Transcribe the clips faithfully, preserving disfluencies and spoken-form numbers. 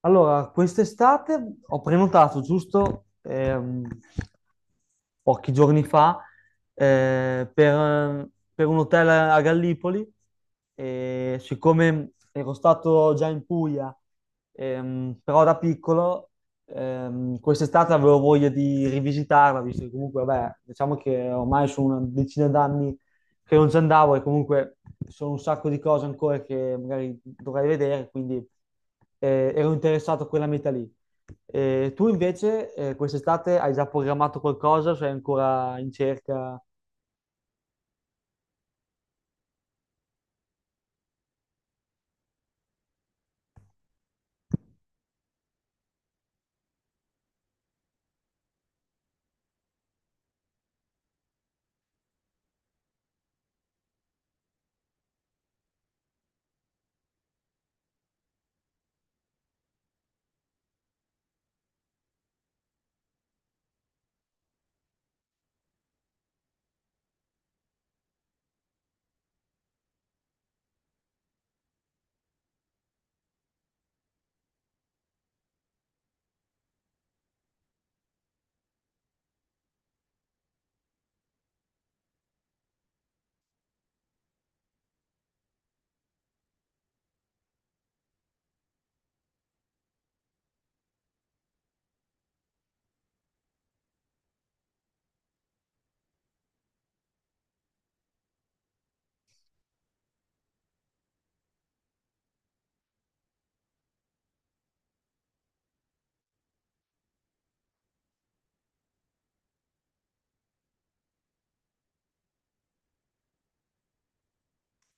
Allora, quest'estate ho prenotato giusto ehm, pochi giorni fa eh, per, per un hotel a Gallipoli. E siccome ero stato già in Puglia, ehm, però da piccolo, ehm, quest'estate avevo voglia di rivisitarla, visto che comunque, vabbè, diciamo che ormai sono una decina d'anni che non ci andavo, e comunque sono un sacco di cose ancora che magari dovrei vedere, quindi eh, ero interessato a quella meta lì. Eh, tu invece eh, quest'estate hai già programmato qualcosa, sei ancora in cerca?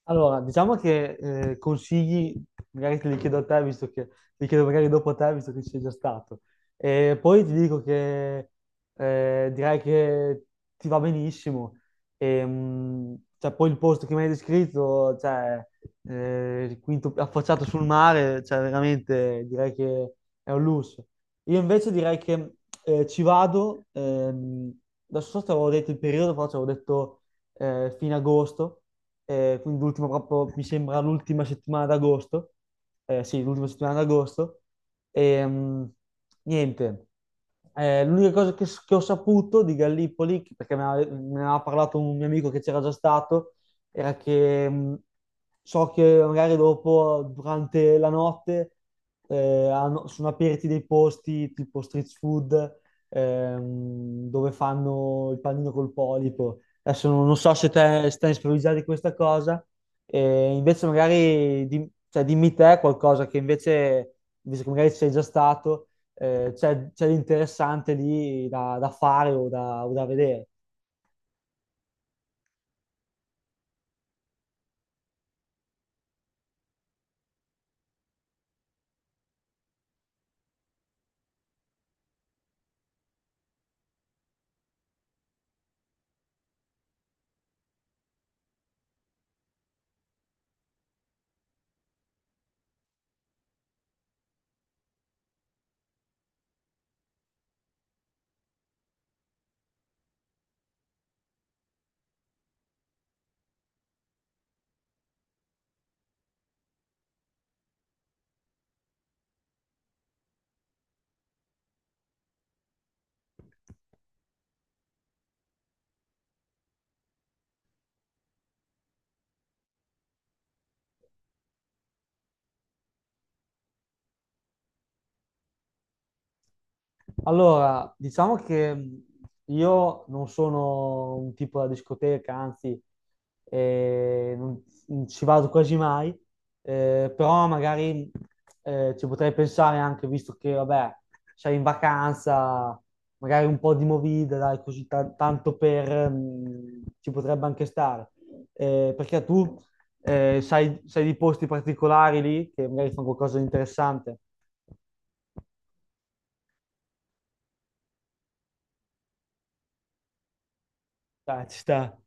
Allora, diciamo che eh, consigli, magari te li chiedo a te, visto che li chiedo magari dopo a te, visto che ci sei già stato. E poi ti dico che eh, direi che ti va benissimo. E, mh, cioè, poi il posto che mi hai descritto, cioè, eh, il quinto affacciato sul mare, cioè, veramente direi che è un lusso. Io invece direi che eh, ci vado, ehm, adesso so se avevo detto il periodo, però ci avevo detto eh, fino ad agosto, eh, quindi l'ultima proprio, mi sembra l'ultima settimana d'agosto, eh, sì, l'ultima settimana d'agosto, e mh, niente. Eh, l'unica cosa che, che ho saputo di Gallipoli, perché me ne aveva me ne aveva parlato un mio amico che c'era già stato, era che mh, so che magari dopo, durante la notte, eh, hanno- sono aperti dei posti tipo street food, ehm, dove fanno il panino col polipo. Adesso non non so se te stai sprovvisato di questa cosa, e invece magari di- cioè, dimmi te qualcosa che invece, visto che magari ci sei già stato, eh, c'è c'è di interessante lì da, da fare o da, o da vedere. Allora, diciamo che mh, io non sono un tipo da discoteca, anzi, eh, non, non ci vado quasi mai, eh, però magari eh, ci potrei pensare anche, visto che, vabbè, sei in vacanza, magari un po' di movida, dai, così ta- tanto per... mh, ci potrebbe anche stare. Eh, perché tu eh, sai, sai di posti particolari lì, che magari fanno qualcosa di interessante? Dai, ci sta.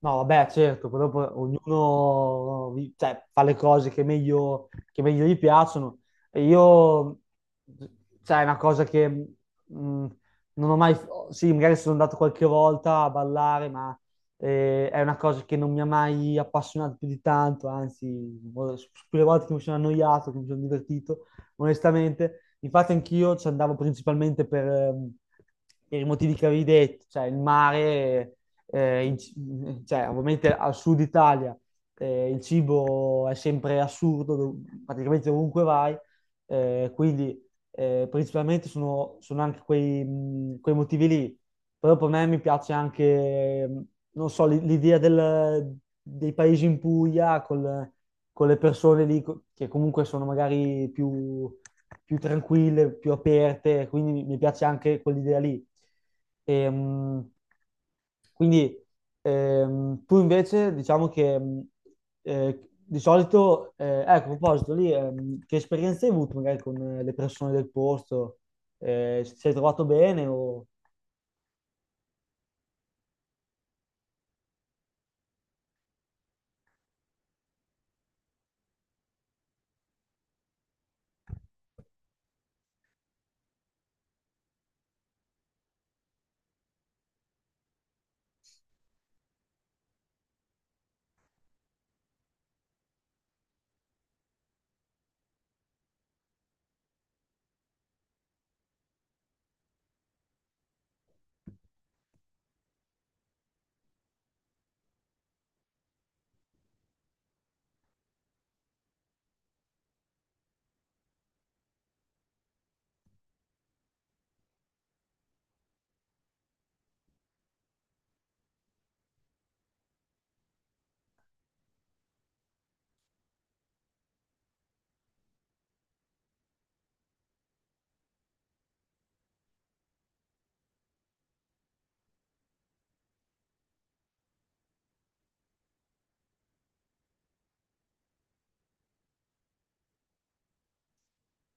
No, vabbè, certo, però poi ognuno no, vi- cioè, fa le cose che meglio, che meglio gli piacciono. E Io, cioè, è una cosa che mh, non ho mai, sì, magari sono andato qualche volta a ballare, ma eh, è una cosa che non mi ha mai appassionato più di tanto, anzi, vo- su su quelle volte che mi sono annoiato, che mi sono divertito, onestamente. Infatti anch'io ci andavo principalmente per, ehm, per i motivi che avevi detto, cioè il mare, eh, in- cioè, ovviamente al sud Italia, eh, il cibo è sempre assurdo, dov- praticamente ovunque vai, eh, quindi eh, principalmente sono, sono anche quei, mh, quei motivi lì. Però per me mi piace anche, mh, non so, l- l'idea del- dei paesi in Puglia col- con le persone lì co- che comunque sono magari più, più tranquille, più aperte, quindi mi mi piace anche quell'idea lì. E, mh, quindi ehm, tu invece diciamo che mh, eh, di solito, eh, ecco, a proposito lì, ehm, che esperienze hai avuto magari con eh, le persone del posto? Eh, ti sei trovato bene o...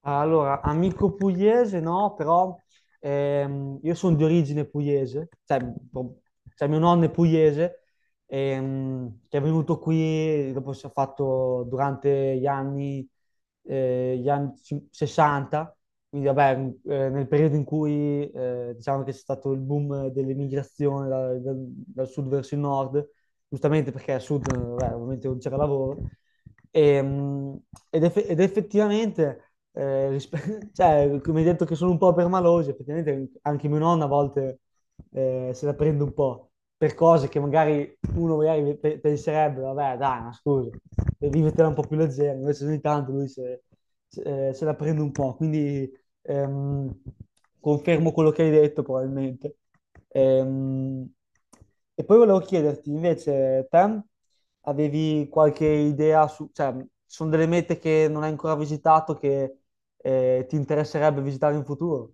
Allora, amico pugliese no, però ehm, io sono di origine pugliese, cioè, pro- cioè mio nonno è pugliese, ehm, che è venuto qui, dopo si è fatto durante gli anni, eh, gli anni cin- sessanta, quindi vabbè, mm, eh, nel periodo in cui eh, diciamo che c'è stato il boom dell'emigrazione da- da- dal sud verso il nord, giustamente perché al sud eh, vabbè, ovviamente non c'era lavoro, e, mh, ed, eff- ed effettivamente, eh, rispe- cioè, come hai detto che sono un po' permaloso, effettivamente anche mia nonna a volte eh, se la prende un po' per cose che magari uno magari pe- penserebbe, vabbè, dai, ma scusa, vivetela un po' più leggera, invece ogni tanto lui se, se- eh, se la prende un po', quindi Ehm, confermo quello che hai detto, probabilmente. Ehm, e poi volevo chiederti, invece, te avevi qualche idea su, cioè, ci sono delle mete che non hai ancora visitato che eh, ti interesserebbe visitare in futuro?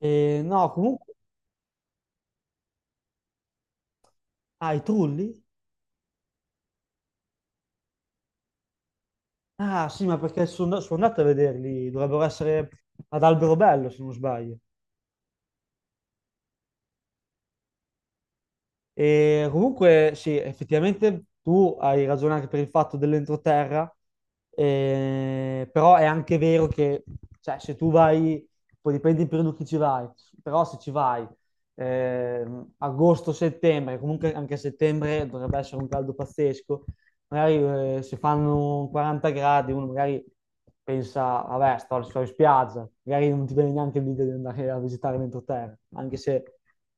Eh, no, comunque, ah, i trulli? Ah, sì, ma perché sono, sono andato a vederli, dovrebbero essere ad Alberobello, se non sbaglio. E comunque, sì, effettivamente tu hai ragione anche per il fatto dell'entroterra, eh, però è anche vero che, cioè, se tu vai, poi dipende in periodo che ci vai, però se ci vai ehm, agosto-settembre, comunque anche a settembre dovrebbe essere un caldo pazzesco, magari eh, si fanno quaranta gradi, uno magari pensa, vabbè, sto, sto in spiaggia, magari non ti viene neanche l'idea di andare a visitare l'entroterra, anche se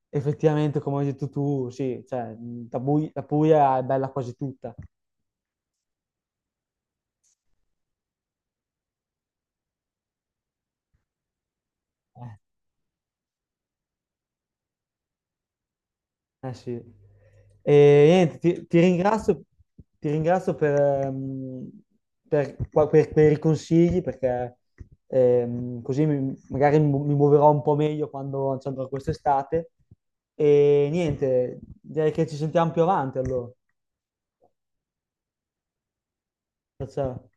effettivamente, come hai detto tu, sì, cioè, la, Bui- la Puglia è bella quasi tutta. Eh, Eh sì. E niente, ti, ti ringrazio, ti ringrazio per, ehm, per, qua- per- per i consigli, perché ehm, così mi- magari mi, mi muoverò un po' meglio quando ci andrò quest'estate. E niente, direi che ci sentiamo più avanti, allora. Ciao, ciao.